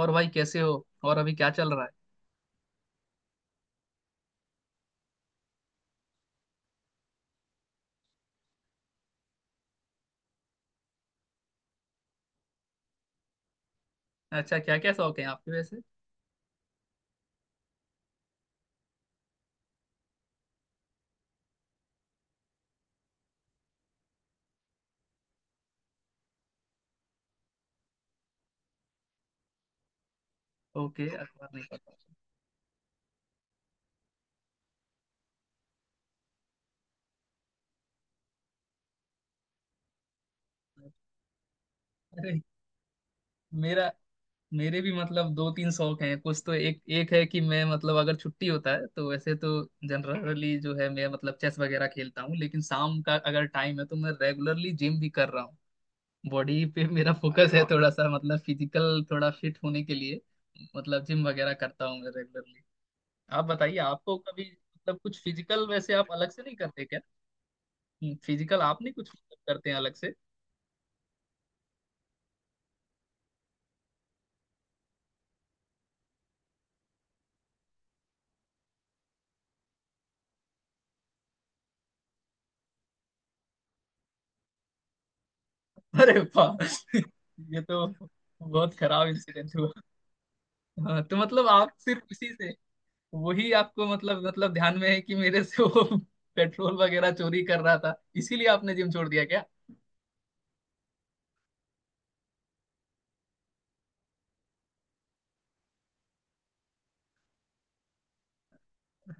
और भाई कैसे हो और अभी क्या चल रहा है? अच्छा, क्या क्या शौक है आपके वैसे? ओके, अखबार नहीं पढ़ता। अरे मेरा मेरे भी मतलब दो तीन शौक हैं। कुछ तो एक एक है कि मैं मतलब अगर छुट्टी होता है तो वैसे तो जनरली जो है, मैं मतलब चेस वगैरह खेलता हूँ। लेकिन शाम का अगर टाइम है तो मैं रेगुलरली जिम भी कर रहा हूँ। बॉडी पे मेरा अरे फोकस है, वाह, थोड़ा सा मतलब फिजिकल थोड़ा फिट होने के लिए। मतलब जिम वगैरह करता हूँ मैं रेगुलरली। आप बताइए, आपको कभी मतलब कुछ फिजिकल वैसे आप अलग से नहीं करते? फिजिकल आप नहीं कुछ मतलब करते हैं अलग से? अरे वाह ये तो बहुत खराब इंसिडेंट हुआ। हाँ, तो मतलब आप सिर्फ उसी से, वही आपको मतलब ध्यान में है कि मेरे से वो पेट्रोल वगैरह चोरी कर रहा था, इसीलिए आपने जिम छोड़ दिया क्या?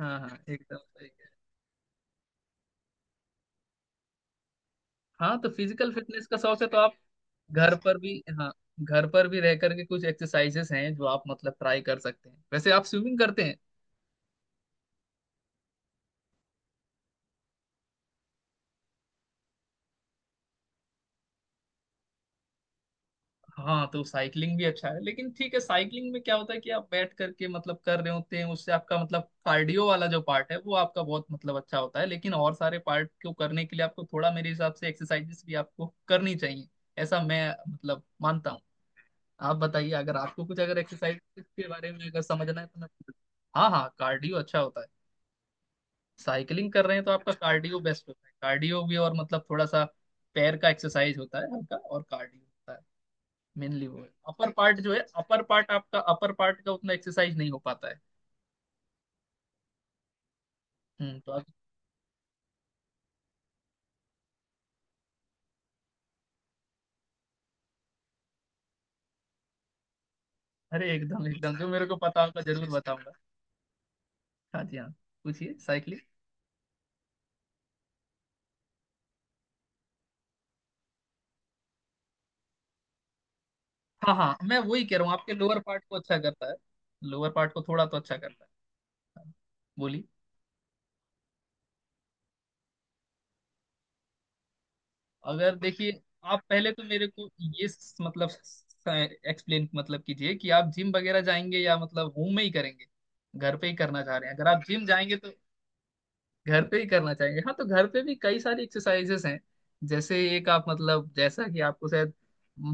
हाँ हाँ, एकदम सही है। हाँ, तो फिजिकल फिटनेस का शौक है तो आप घर पर भी? हाँ, घर पर भी रह करके कुछ एक्सरसाइजेस हैं जो आप मतलब ट्राई कर सकते हैं। वैसे आप स्विमिंग करते हैं? हाँ, तो साइकिलिंग भी अच्छा है लेकिन ठीक है। साइकिलिंग में क्या होता है कि आप बैठ करके मतलब कर रहे होते हैं, उससे आपका मतलब कार्डियो वाला जो पार्ट है वो आपका बहुत मतलब अच्छा होता है, लेकिन और सारे पार्ट को करने के लिए आपको थोड़ा मेरे हिसाब से एक्सरसाइजेस भी आपको करनी चाहिए। ऐसा मैं मतलब मानता हूँ। आप बताइए, अगर आपको कुछ अगर एक्सरसाइज के बारे में अगर समझना है तो मैं। हाँ हाँ, कार्डियो अच्छा होता है। साइकिलिंग कर रहे हैं तो आपका कार्डियो बेस्ट होता है, कार्डियो भी, और मतलब थोड़ा सा पैर का एक्सरसाइज होता है हल्का, और कार्डियो होता है। मेनली वो है अपर पार्ट, जो है अपर पार्ट आपका, अपर पार्ट का उतना एक्सरसाइज नहीं हो पाता है। तो आप, अरे एकदम एकदम, जो मेरे को पता होगा जरूर बताऊंगा। हाँ जी हाँ, पूछिए साइकिलिंग। हाँ हाँ, मैं वही कह रहा हूँ, आपके लोअर पार्ट को अच्छा करता है। लोअर पार्ट को थोड़ा तो अच्छा करता है। हाँ, बोलिए। अगर देखिए, आप पहले तो मेरे को ये मतलब एक्सप्लेन मतलब कीजिए कि आप जिम वगैरह जाएंगे या मतलब होम में ही करेंगे। घर पे ही करना चाह रहे हैं? अगर आप जिम जाएंगे तो घर पे ही करना चाहेंगे। हाँ, तो घर पे भी कई सारी एक्सरसाइजेस हैं। जैसे एक, आप मतलब, जैसा कि आपको शायद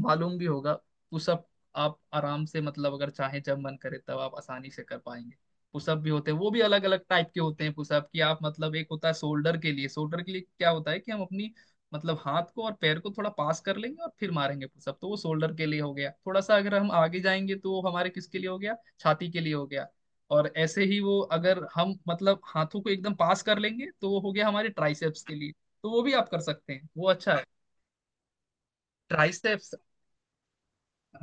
मालूम भी होगा, पुशअप। आप आराम से मतलब अगर चाहें जब मन करे तब आप आसानी से कर पाएंगे। पुशअप भी होते हैं, वो भी अलग अलग टाइप के होते हैं। पुशअप की आप मतलब, एक होता है शोल्डर के लिए। शोल्डर के लिए क्या होता है कि हम अपनी मतलब हाथ को और पैर को थोड़ा पास कर लेंगे और फिर मारेंगे पुशअप, तो वो शोल्डर के लिए हो गया। थोड़ा सा अगर हम आगे जाएंगे तो वो हमारे किसके लिए हो गया, छाती के लिए हो गया। और ऐसे ही वो अगर हम मतलब हाथों को एकदम पास कर लेंगे तो वो हो गया हमारे ट्राइसेप्स के लिए। तो वो भी आप कर सकते हैं, वो अच्छा है। ट्राइसेप्स?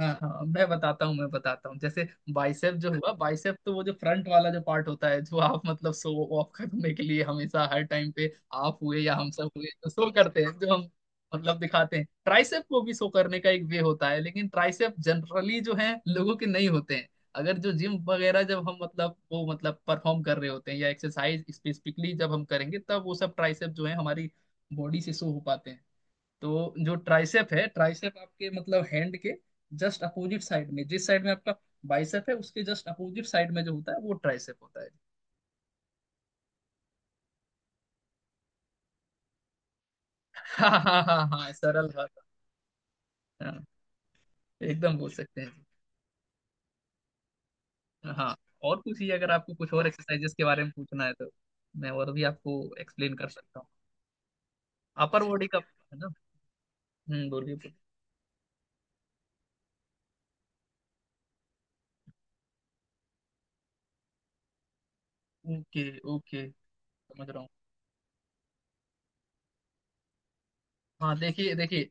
हाँ हाँ, मैं बताता हूँ जैसे, बाइसेप जो हुआ, बाइसेप तो वो जो फ्रंट वाला जो पार्ट होता है, जो आप मतलब शो ऑफ करने के लिए हमेशा हर टाइम पे आप हुए या हम सब हुए तो शो करते हैं, जो हम मतलब दिखाते हैं। ट्राइसेप को भी शो करने का एक वे होता है, लेकिन ट्राइसेप जनरली जो है लोगों के नहीं होते हैं। अगर जो जिम वगैरह जब हम मतलब वो मतलब परफॉर्म कर रहे होते हैं या एक्सरसाइज स्पेसिफिकली जब हम करेंगे, तब वो सब ट्राइसेप जो है हमारी बॉडी से शो हो पाते हैं। तो जो ट्राइसेप है, ट्राइसेप आपके मतलब हैंड के जस्ट अपोजिट साइड में, जिस साइड में आपका बाइसेप है उसके जस्ट अपोजिट साइड में जो होता है, वो ट्राइसेप होता है। हाँ हाँ हाँ हाँ, सरल भाषा। हाँ, एकदम बोल सकते हैं। जी हाँ। और पूछिए, अगर आपको कुछ और एक्सरसाइजेस के बारे में पूछना है तो मैं और भी आपको एक्सप्लेन कर सकता हूँ। अपर बॉडी का, है ना? हम्म, बोलिए बोलिए। ओके ओके, समझ रहा हूँ। हाँ, देखिए देखिए।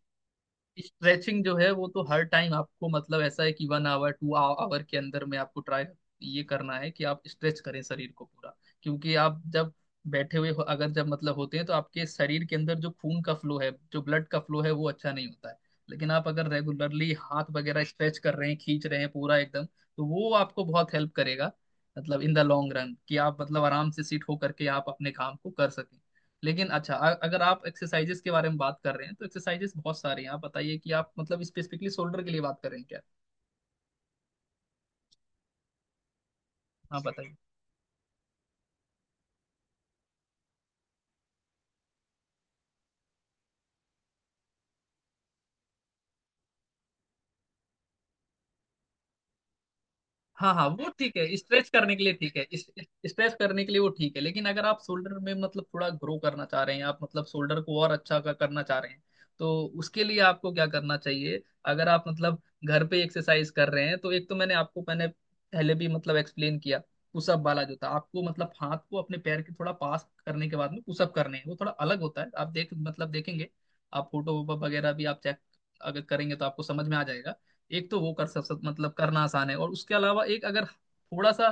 स्ट्रेचिंग जो है वो तो हर टाइम आपको मतलब ऐसा है कि वन आवर टू आवर के अंदर में आपको ट्राई ये करना है कि आप स्ट्रेच करें शरीर को पूरा। क्योंकि आप जब अगर जब मतलब होते हैं तो आपके शरीर के अंदर जो खून का फ्लो है, जो ब्लड का फ्लो है, वो अच्छा नहीं होता है। लेकिन आप अगर रेगुलरली हाथ वगैरह स्ट्रेच कर रहे हैं, खींच रहे हैं पूरा एकदम, तो वो आपको बहुत हेल्प करेगा, मतलब इन द लॉन्ग रन, कि आप मतलब आराम से सीट हो करके आप अपने काम को कर सकें। लेकिन अच्छा, अगर आप एक्सरसाइजेस के बारे में बात कर रहे हैं तो एक्सरसाइजेस बहुत सारे हैं। आप बताइए कि आप मतलब स्पेसिफिकली शोल्डर के लिए बात कर रहे हैं क्या? आप बताइए। हाँ हाँ, वो ठीक है, स्ट्रेच करने के लिए ठीक है। स्ट्रेच करने के लिए वो ठीक है, लेकिन अगर आप शोल्डर में मतलब थोड़ा ग्रो करना चाह रहे हैं, आप मतलब शोल्डर को और अच्छा का करना चाह रहे हैं, तो उसके लिए आपको क्या करना चाहिए? अगर आप मतलब घर पे एक्सरसाइज कर रहे हैं तो एक तो मैंने पहले भी मतलब एक्सप्लेन किया, पुशअप वाला जो था, आपको मतलब हाथ को अपने पैर के थोड़ा पास करने के बाद में पुशअप करने हैं, वो थोड़ा अलग होता है। आप देख मतलब देखेंगे, आप फोटो वगैरह भी आप चेक अगर करेंगे तो आपको समझ में आ जाएगा। एक तो वो कर सब सब मतलब करना आसान है, और उसके अलावा एक अगर थोड़ा सा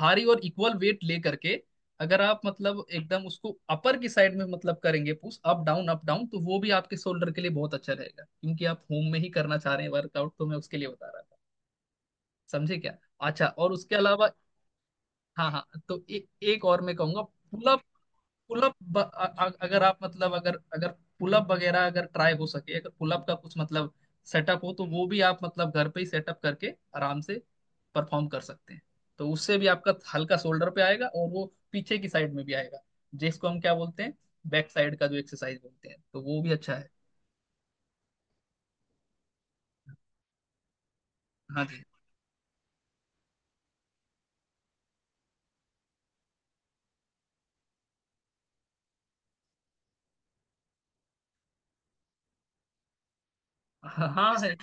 भारी और इक्वल वेट ले करके अगर आप मतलब एकदम उसको अपर की साइड में मतलब करेंगे push up down up down, तो वो भी आपके शोल्डर के लिए बहुत अच्छा रहेगा। क्योंकि आप होम में ही करना चाह रहे हैं वर्कआउट, तो मैं उसके लिए बता रहा था। समझे क्या? अच्छा, और उसके अलावा हाँ हाँ, तो एक और मैं कहूंगा, पुलअप। पुलअप अगर आप मतलब अगर अगर पुलअप वगैरह अगर ट्राई हो सके, अगर पुलअप का कुछ मतलब सेटअप हो तो वो भी आप मतलब घर पे ही सेटअप करके आराम से परफॉर्म कर सकते हैं। तो उससे भी आपका हल्का शोल्डर पे आएगा, और वो पीछे की साइड में भी आएगा, जिसको हम क्या बोलते हैं, बैक साइड का जो एक्सरसाइज बोलते हैं, तो वो भी अच्छा है। हाँ जी हाँ। हाँ, है।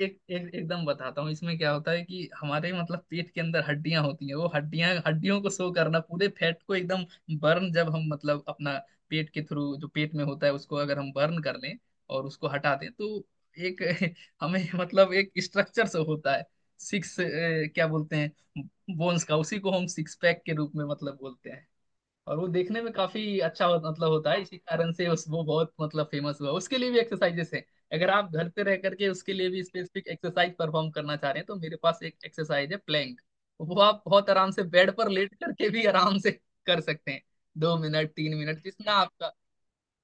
एक एक एकदम बताता हूँ, इसमें क्या होता है कि हमारे मतलब पेट के अंदर हड्डियां होती हैं, वो हड्डियां हड्डियों को शो करना, पूरे फैट को एकदम बर्न, जब हम मतलब अपना पेट के थ्रू जो पेट में होता है उसको अगर हम बर्न कर लें और उसको हटा दें तो एक हमें मतलब एक स्ट्रक्चर से होता है, सिक्स क्या बोलते हैं, बोन्स का, उसी को हम सिक्स पैक के रूप में मतलब बोलते हैं। और वो देखने में काफी अच्छा हो, मतलब होता है, इसी कारण से उस वो बहुत मतलब फेमस हुआ। उसके लिए भी एक्सरसाइजेस हैं। अगर आप घर पे रह करके उसके लिए भी स्पेसिफिक एक्सरसाइज परफॉर्म करना चाह रहे हैं तो मेरे पास एक एक्सरसाइज है, प्लैंक। वो आप बहुत आराम से बेड पर लेट करके भी आराम से कर सकते हैं, दो मिनट तीन मिनट जितना आपका।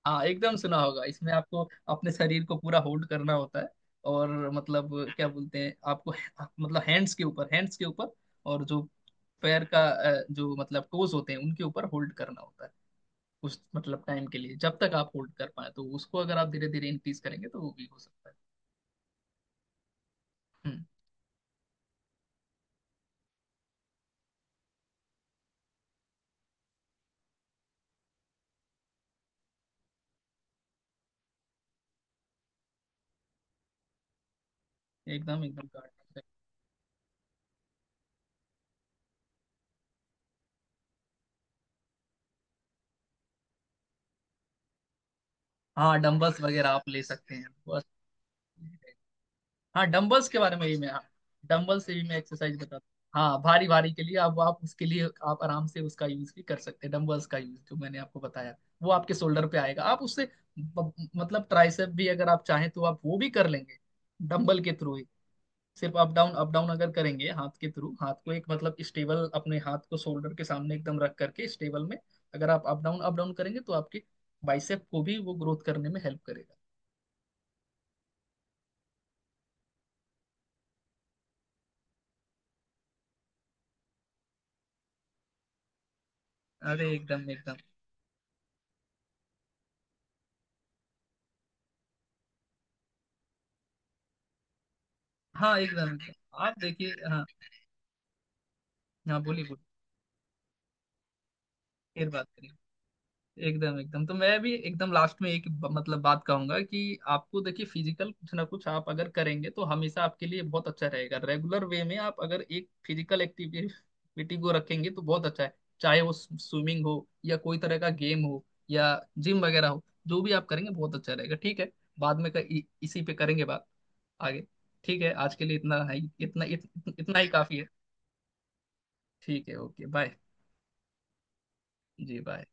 हाँ, एकदम सुना होगा। इसमें आपको अपने शरीर को पूरा होल्ड करना होता है, और मतलब क्या बोलते हैं आपको, मतलब हैंड्स के ऊपर और जो पैर का जो मतलब टोज होते हैं उनके ऊपर होल्ड करना होता है, उस मतलब टाइम के लिए जब तक आप होल्ड कर पाए। तो उसको अगर आप धीरे धीरे इंक्रीज करेंगे तो वो भी हो सकता है। हम्म। एकदम एकदम correct। हाँ, डंबल्स वगैरह आप ले सकते हैं। बस, हाँ, डंबल्स के बारे में ही मैं, हाँ, डंबल से भी मैं एक्सरसाइज बता, हाँ, भारी भारी के लिए अब आप उसके लिए आप आराम से उसका यूज भी कर सकते हैं। डंबल्स का यूज जो मैंने आपको बताया, वो आपके शोल्डर पे आएगा, आप उससे मतलब ट्राइसेप भी अगर आप चाहें तो आप वो भी कर लेंगे डंबल के थ्रू ही। सिर्फ अप डाउन अगर करेंगे हाथ के थ्रू, हाथ को एक मतलब स्टेबल, अपने हाथ को शोल्डर के सामने एकदम रख करके स्टेबल में अगर आप अप डाउन करेंगे तो आपके बाइसेप को भी वो ग्रोथ करने में हेल्प करेगा। अरे एकदम एकदम। हाँ एकदम एकदम, आप देखिए। हाँ, हाँ बोलिए बोलिए, फिर बात करेंगे। एकदम एकदम, तो मैं भी एकदम लास्ट में एक मतलब बात कहूंगा कि आपको देखिए, फिजिकल कुछ ना कुछ आप अगर करेंगे तो हमेशा आपके लिए बहुत अच्छा रहेगा। रेगुलर वे में आप अगर एक फिजिकल एक्टिविटी को रखेंगे तो बहुत अच्छा है, चाहे वो स्विमिंग हो या कोई तरह का गेम हो, या जिम वगैरह हो, जो भी आप करेंगे बहुत अच्छा रहेगा। ठीक है, बाद में इसी पे करेंगे बात आगे। ठीक है, आज के लिए इतना है ही- इतना इत, इतना ही काफी है। ठीक है, ओके बाय। जी बाय।